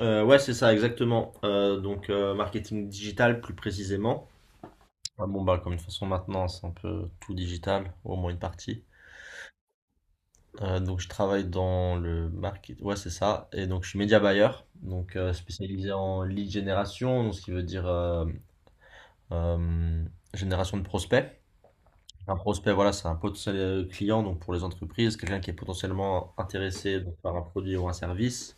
Ouais, c'est ça, exactement. Marketing digital plus précisément. Ah bon, bah, comme de toute façon, maintenant, c'est un peu tout digital, au moins une partie. Donc, je travaille dans le market. Ouais, c'est ça. Et donc, je suis media buyer, donc spécialisé en lead génération, donc ce qui veut dire euh, génération de prospects. Un prospect, voilà, c'est un potentiel client donc pour les entreprises, quelqu'un qui est potentiellement intéressé donc, par un produit ou un service.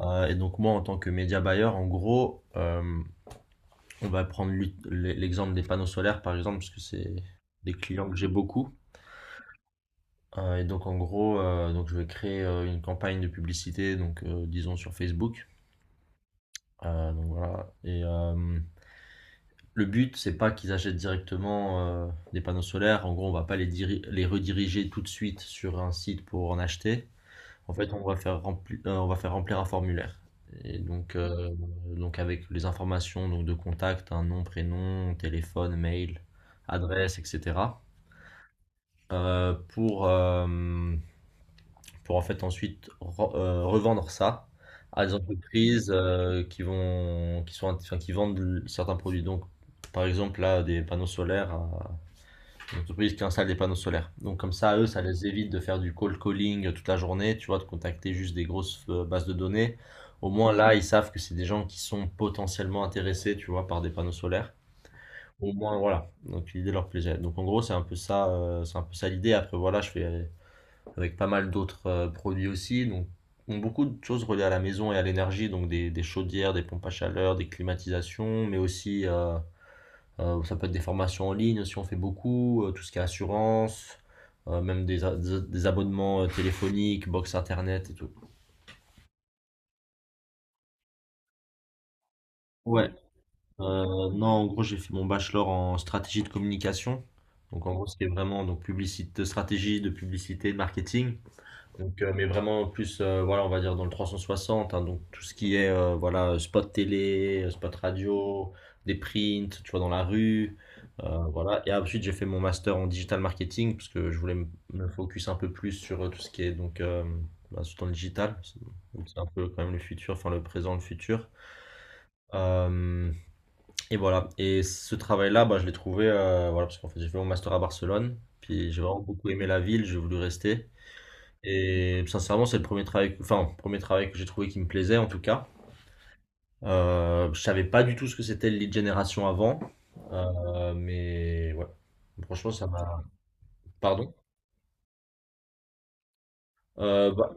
Et donc moi, en tant que média buyer, en gros, on va prendre l'exemple des panneaux solaires, par exemple, parce que c'est des clients que j'ai beaucoup. Et donc, en gros, donc je vais créer une campagne de publicité, donc disons sur Facebook. Donc voilà. Et le but, c'est pas qu'ils achètent directement des panneaux solaires. En gros, on va pas les, les rediriger tout de suite sur un site pour en acheter. En fait, on va faire remplir un formulaire. Et donc, euh, donc avec les informations donc de contact, un nom, prénom, téléphone, mail, adresse, etc. Pour, pour en fait ensuite revendre ça à des entreprises qui vont, qui sont, enfin, qui vendent certains produits. Donc, par exemple, là, des panneaux solaires. L'entreprise qui installe des panneaux solaires. Donc comme ça, eux, ça les évite de faire du cold calling toute la journée, tu vois, de contacter juste des grosses bases de données. Au moins là, ils savent que c'est des gens qui sont potentiellement intéressés, tu vois, par des panneaux solaires. Au moins, voilà. Donc l'idée leur plaisait. Donc en gros, c'est un peu ça, c'est un peu ça l'idée. Après, voilà, je fais avec pas mal d'autres produits aussi. Donc ont beaucoup de choses reliées à la maison et à l'énergie, donc des chaudières, des pompes à chaleur, des climatisations, mais aussi ça peut être des formations en ligne si on fait beaucoup, tout ce qui est assurance, même des abonnements téléphoniques, box internet et tout. Ouais, non, en gros, j'ai fait mon bachelor en stratégie de communication. Donc, en gros, ce qui est vraiment donc, publicité, stratégie de publicité, de marketing. Mais vraiment plus, voilà, on va dire dans le 360, hein, donc tout ce qui est voilà, spot télé, spot radio, des prints, tu vois, dans la rue, voilà. Et ensuite, j'ai fait mon master en digital marketing parce que je voulais me focus un peu plus sur tout ce qui est donc bah, surtout dans le digital. C'est c'est un peu quand même le futur, enfin le présent, le futur. Euh, et voilà. Et ce travail-là, bah, je l'ai trouvé, voilà, parce qu'en fait, j'ai fait mon master à Barcelone, puis j'ai vraiment beaucoup aimé la ville, j'ai voulu rester. Et sincèrement, c'est le premier travail, enfin, premier travail que j'ai trouvé qui me plaisait en tout cas. Je savais pas du tout ce que c'était le lead generation avant, mais ouais. Franchement, ça m'a. Pardon? Euh, bah,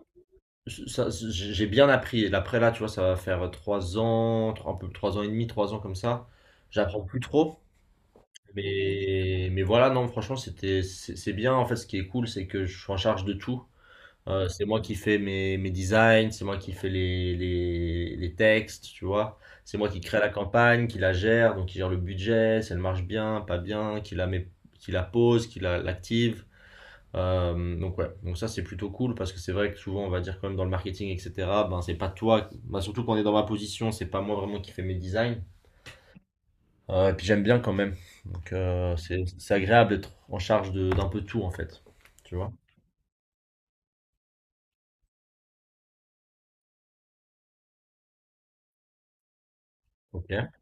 j'ai bien appris. Et après là, tu vois, ça va faire trois ans, un peu trois ans et demi, trois ans comme ça. J'apprends plus trop, mais voilà, non, franchement, c'est c'est bien. En fait, ce qui est cool, c'est que je suis en charge de tout. C'est moi qui fais mes designs, c'est moi qui fais les textes, tu vois. C'est moi qui crée la campagne, qui la gère, donc qui gère le budget, si elle marche bien, pas bien, qui la met, qui la pose, qui la, l'active. Donc ça c'est plutôt cool parce que c'est vrai que souvent on va dire quand même dans le marketing, etc., ben c'est pas toi, ben, surtout quand on est dans ma position, c'est pas moi vraiment qui fais mes designs. Et puis j'aime bien quand même. Donc c'est c'est agréable d'être en charge d'un peu tout en fait. Tu vois? Ok.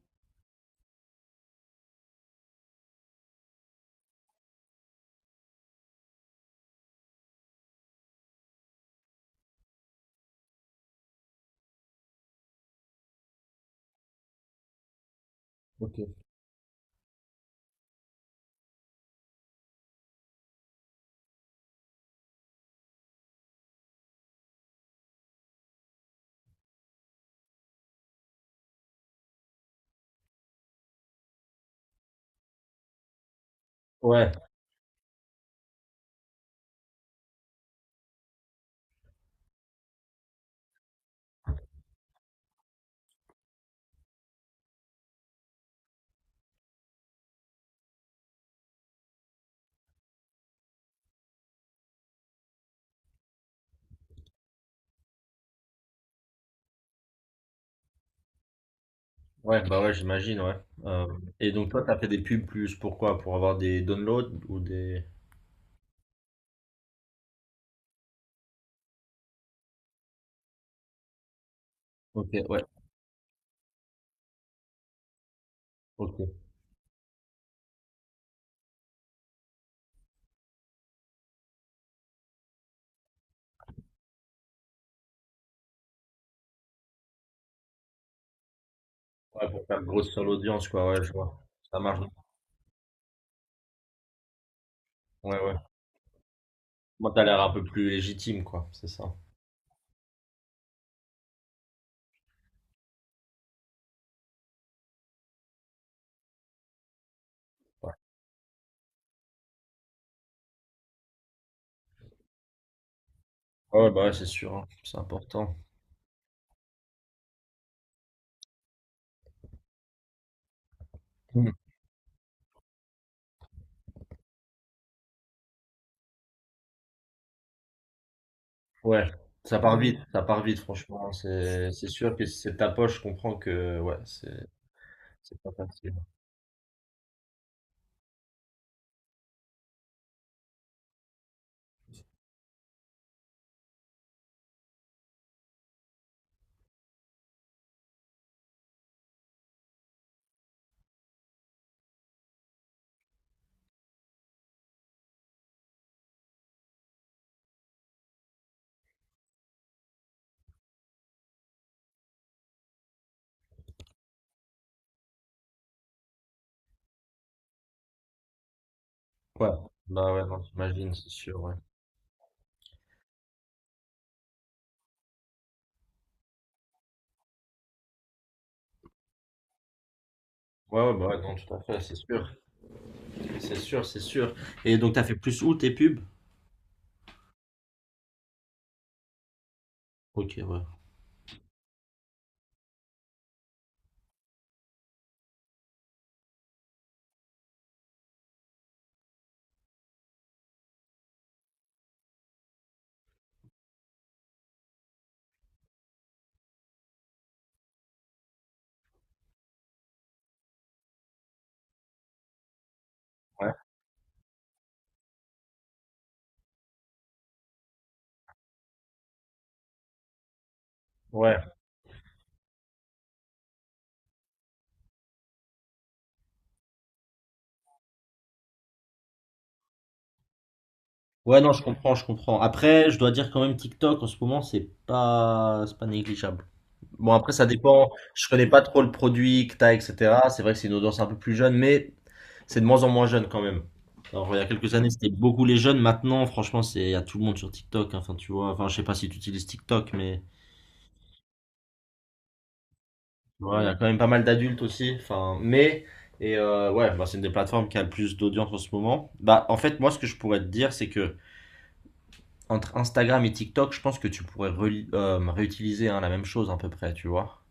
Ok. Ouais, ouais, bah ouais, j'imagine, ouais. Euh, et donc toi, t'as fait des pubs plus pourquoi? Pour avoir des downloads ou des... Ok, ouais, ok. Ouais, pour faire grosse sur l'audience, quoi, ouais, je vois. Ça marche. Ouais, ouais. Moi, t'as l'air un peu plus légitime, quoi, c'est ça. Ouais, ah ouais, bah ouais, c'est sûr, hein, c'est important. Hmm. Ouais, ça part vite, franchement, hein. C'est sûr que si c'est de ta poche, je comprends que, ouais, c'est pas facile. Ouais, bah ouais, non, j'imagine, c'est sûr, ouais. Ouais, ouais, bah ouais, non, tout à fait, c'est sûr. C'est sûr, c'est sûr. Et donc, t'as fait plus où tes pubs? Ok, ouais. Ouais, ouais. Ouais, non, je comprends, je comprends. Après, je dois dire quand même TikTok en ce moment, c'est pas négligeable. Bon, après, ça dépend. Je connais pas trop le produit que t'as, etc. C'est vrai que c'est une audience un peu plus jeune, mais c'est de moins en moins jeune quand même. Alors, il y a quelques années, c'était beaucoup les jeunes. Maintenant, franchement, c'est à tout le monde sur TikTok, hein. Enfin, tu vois, enfin, je sais pas si tu utilises TikTok, mais ouais, il y a quand même pas mal d'adultes aussi. Enfin, mais ouais, bah, c'est une des plateformes qui a le plus d'audience en ce moment. Bah, en fait, moi, ce que je pourrais te dire, c'est que entre Instagram et TikTok, je pense que tu pourrais réutiliser hein, la même chose à peu près, tu vois.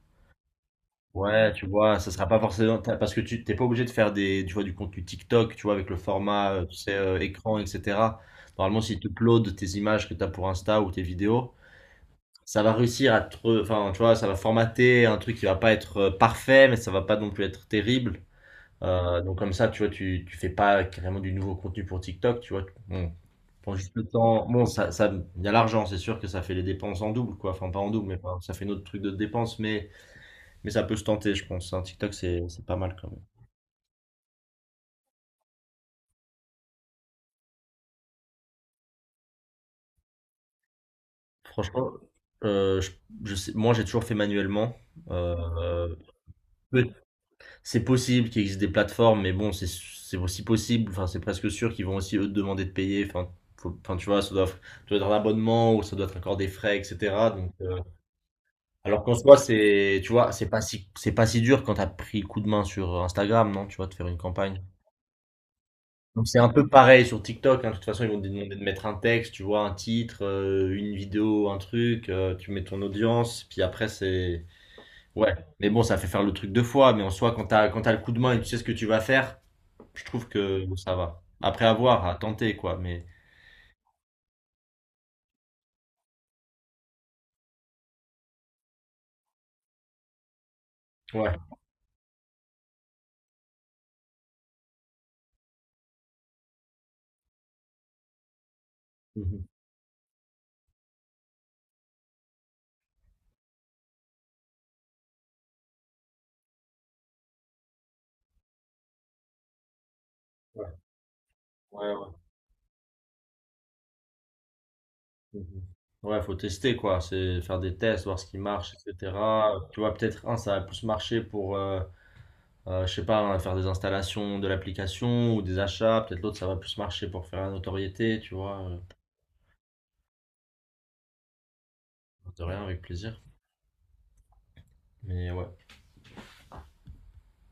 Ouais, tu vois, ça sera pas forcément parce que tu t'es pas obligé de faire des, tu vois, du contenu TikTok, tu vois, avec le format, tu sais, écran, etc. Normalement, si tu uploads tes images que tu as pour Insta ou tes vidéos, ça va réussir à enfin, tu vois, ça va formater un truc qui va pas être parfait, mais ça va pas non plus être terrible. Donc comme ça, tu vois, tu fais pas carrément du nouveau contenu pour TikTok, tu vois. Bon, prends juste le temps. Bon, il y a l'argent, c'est sûr que ça fait les dépenses en double, quoi. Enfin, pas en double, mais enfin, ça fait notre truc de dépenses, mais ça peut se tenter, je pense. Un TikTok, c'est pas mal quand même. Franchement, euh, je, je sais, moi, j'ai toujours fait manuellement. Euh, peut- c'est possible qu'il existe des plateformes, mais bon, c'est aussi possible. Enfin, c'est presque sûr qu'ils vont aussi eux te demander de payer. Enfin, tu vois, ça doit être un abonnement ou ça doit être encore des frais, etc. Donc euh, Alors qu'en soi, c'est, tu vois, c'est pas si dur quand t'as pris coup de main sur Instagram, non, tu vois, de faire une campagne. Donc c'est un peu pareil sur TikTok, hein. De toute façon, ils vont te demander de mettre un texte, tu vois, un titre, une vidéo, un truc, tu mets ton audience, puis après c'est, ouais. Mais bon, ça fait faire le truc deux fois, mais en soi, quand t'as le coup de main et tu sais ce que tu vas faire, je trouve que ça va. À voir, à tenter, quoi, mais. Ouais. Mhm. Ouais, ouais, ouais. Mhm. Ouais, faut tester quoi, c'est faire des tests, voir ce qui marche, etc. Tu vois, peut-être un, ça va plus marcher pour, je sais pas, hein, faire des installations de l'application ou des achats. Peut-être l'autre, ça va plus marcher pour faire la notoriété, tu vois. De rien, avec plaisir. Mais ouais.